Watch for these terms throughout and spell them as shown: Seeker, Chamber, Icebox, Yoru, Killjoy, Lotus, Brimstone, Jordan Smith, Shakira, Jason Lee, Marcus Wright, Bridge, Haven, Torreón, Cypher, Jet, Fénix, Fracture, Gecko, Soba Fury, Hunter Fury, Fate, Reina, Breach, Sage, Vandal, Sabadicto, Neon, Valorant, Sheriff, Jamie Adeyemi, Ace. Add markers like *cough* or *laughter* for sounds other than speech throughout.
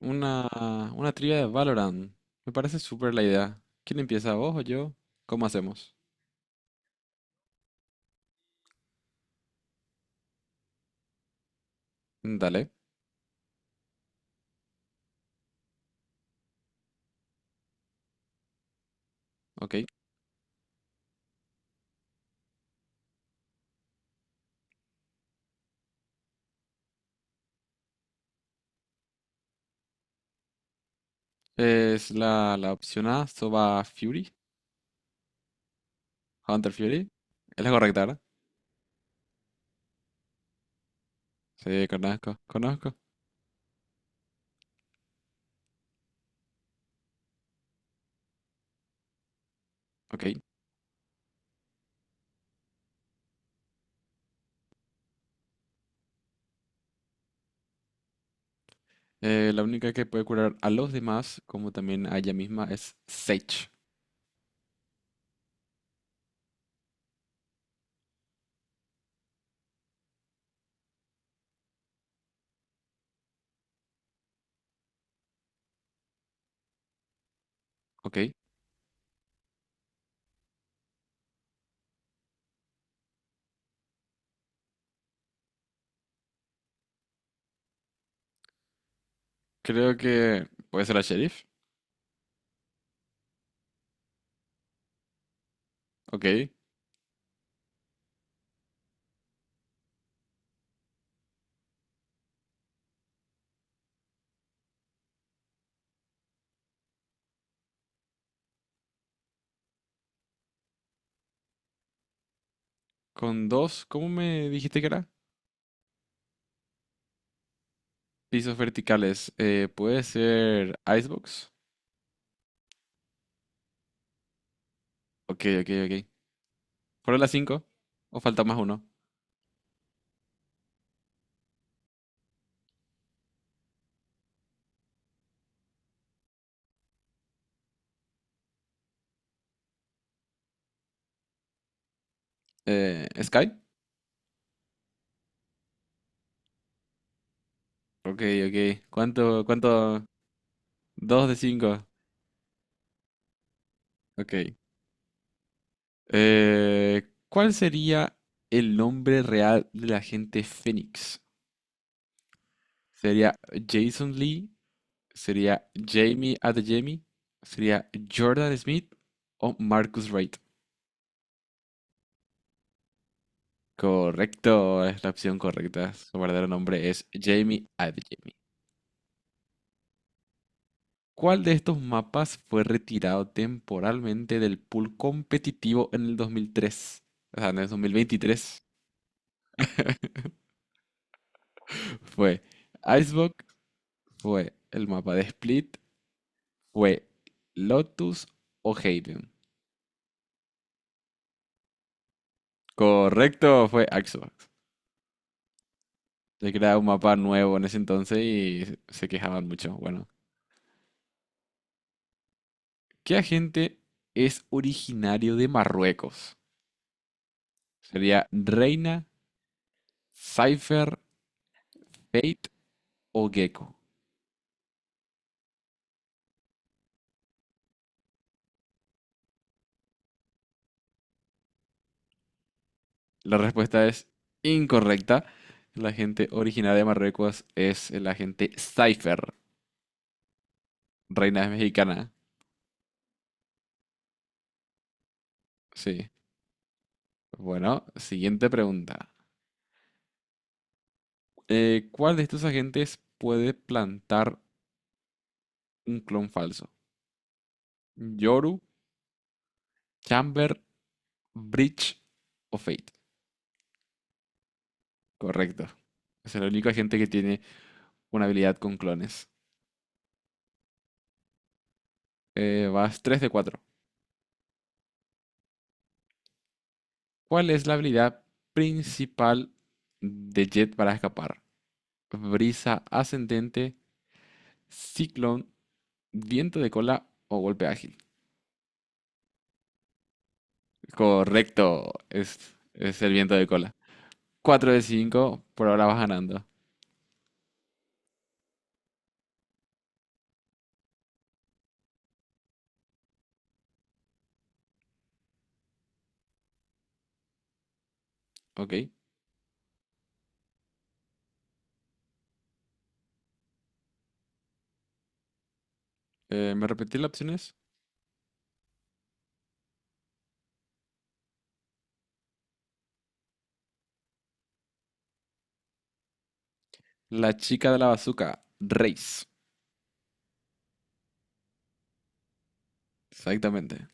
Una, una trivia de Valorant. Me parece súper la idea. ¿Quién empieza, vos o yo? ¿Cómo hacemos? Dale. Ok. Es la opción A, Soba Fury, Hunter Fury. Es la correcta, ¿verdad? Sí, conozco, conozco. Ok. La única que puede curar a los demás, como también a ella misma, es Sage. Ok. Creo que puede ser la Sheriff. Ok. Con dos, ¿cómo me dijiste que era? Pisos verticales. Puede ser Icebox. Ok, ok, ok. Fueron las cinco. O falta más uno. Sky. Ok, ok. ¿Cuánto, cuánto? Dos de cinco. Ok. Eh, ¿Cuál sería el nombre real de la gente Fénix? ¿Sería Jason Lee? ¿Sería Jamie Adeyemi? ¿Sería Jordan Smith o Marcus Wright? Correcto, es la opción correcta. Su verdadero nombre es Jamie Adeyemi. ¿Cuál de estos mapas fue retirado temporalmente del pool competitivo en el 2003? O sea, en el 2023. *laughs* Fue Icebox, fue el mapa de Split, fue Lotus o Haven. Correcto, fue Icebox. Se creaba un mapa nuevo en ese entonces y se quejaban mucho. Bueno, ¿qué agente es originario de Marruecos? ¿Sería Reina, Cypher, Fate o Gecko? La respuesta es incorrecta. La gente originaria de Marruecos es la gente Cypher, reina mexicana. Sí. Bueno, siguiente pregunta. ¿Cuál de estos agentes puede plantar un clon falso? Yoru, Chamber, Breach o Fate. Correcto. Es el único agente que tiene una habilidad con clones. Vas 3 de 4. ¿Cuál es la habilidad principal de Jet para escapar? Brisa ascendente, Ciclón, viento de cola o golpe ágil. Correcto, es el viento de cola. 4 de 5 por ahora vas ganando. Ok, ¿me repetí las opciones? La chica de la bazuca, race. Exactamente.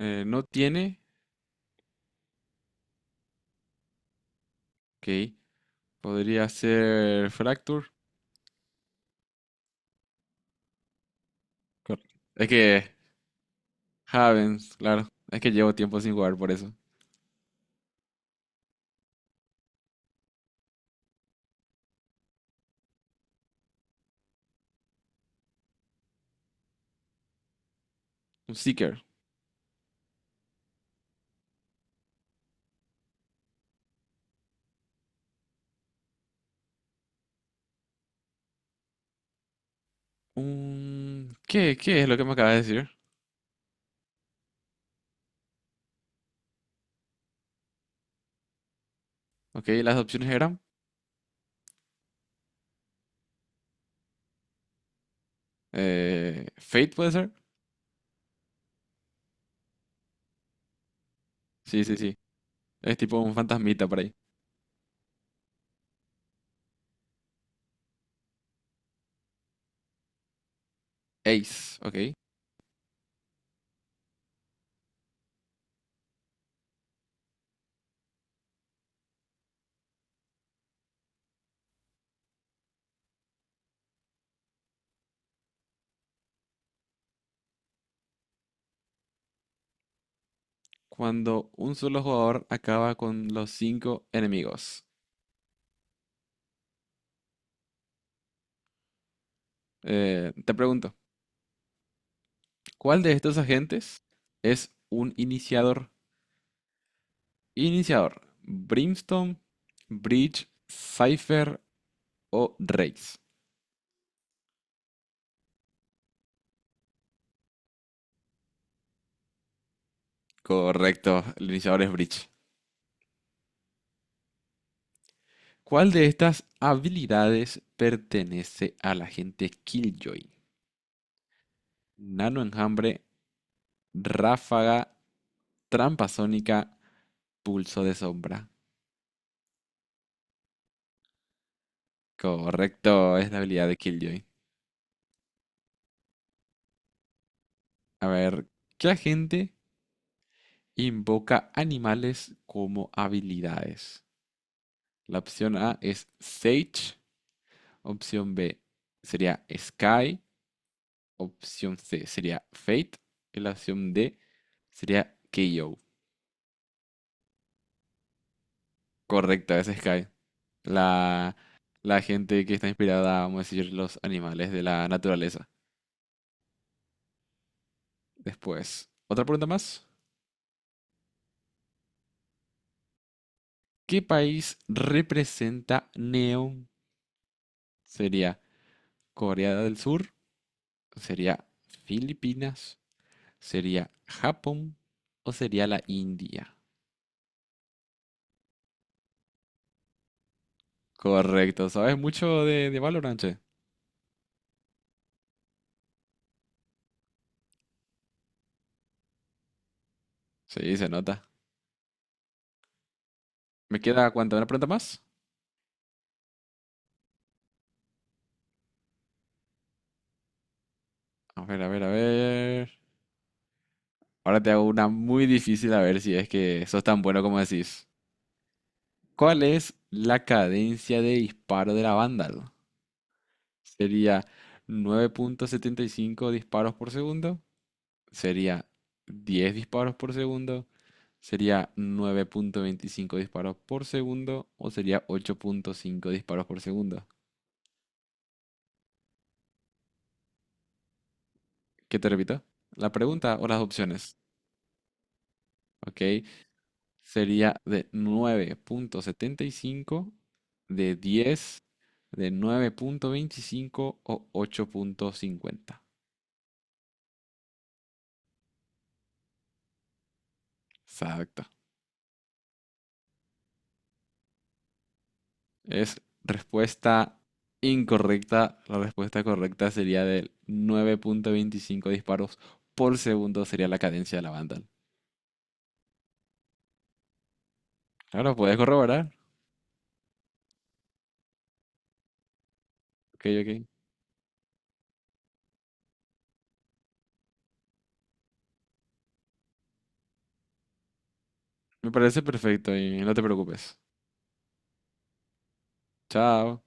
No tiene, ok. Podría ser Fracture. Cor- Es que Havens, claro. Es que llevo tiempo sin jugar por eso. Un Seeker. Un... ¿Qué es lo que me acabas de decir? Ok, las opciones eran... Fate puede ser. Sí, sí, sí. Es tipo un fantasmita por ahí. Ace, ¿ok? Cuando un solo jugador acaba con los cinco enemigos. Te pregunto, ¿cuál de estos agentes es un iniciador? Iniciador, Brimstone, Bridge, Cypher o Raze. Correcto, el iniciador es Bridge. ¿Cuál de estas habilidades pertenece al agente Killjoy? Nano enjambre, ráfaga, trampa sónica, pulso de sombra. Correcto, es la habilidad de Killjoy. A ver, ¿qué agente invoca animales como habilidades? La opción A es Sage, opción B sería Sky, opción C sería Fate y la opción D sería KO. Correcto, es Sky. La, la gente que está inspirada, vamos a decir, los animales de la naturaleza. Después, otra pregunta más. ¿Qué país representa Neon? Sería Corea del Sur, sería Filipinas, sería Japón o sería la India. Correcto, ¿sabes mucho de Valorant, che? Sí, se nota. ¿Me queda cuánto? ¿Una pregunta más? A ver, a ver, a ver. Ahora te hago una muy difícil a ver si es que sos tan bueno como decís. ¿Cuál es la cadencia de disparo de la Vandal? ¿Sería 9,75 disparos por segundo? Sería 10 disparos por segundo, sería 9,25 disparos por segundo o sería 8,5 disparos por segundo. ¿Qué te repito? La pregunta o las opciones, ¿ok? Sería de 9,75, de 10, de 9,25 o 8,50. Exacto. Es respuesta incorrecta. La respuesta correcta sería de 9,25 disparos por segundo sería la cadencia de la Vandal. Ahora puedes corroborar. Ok, ok. Me parece perfecto y no te preocupes. Chao.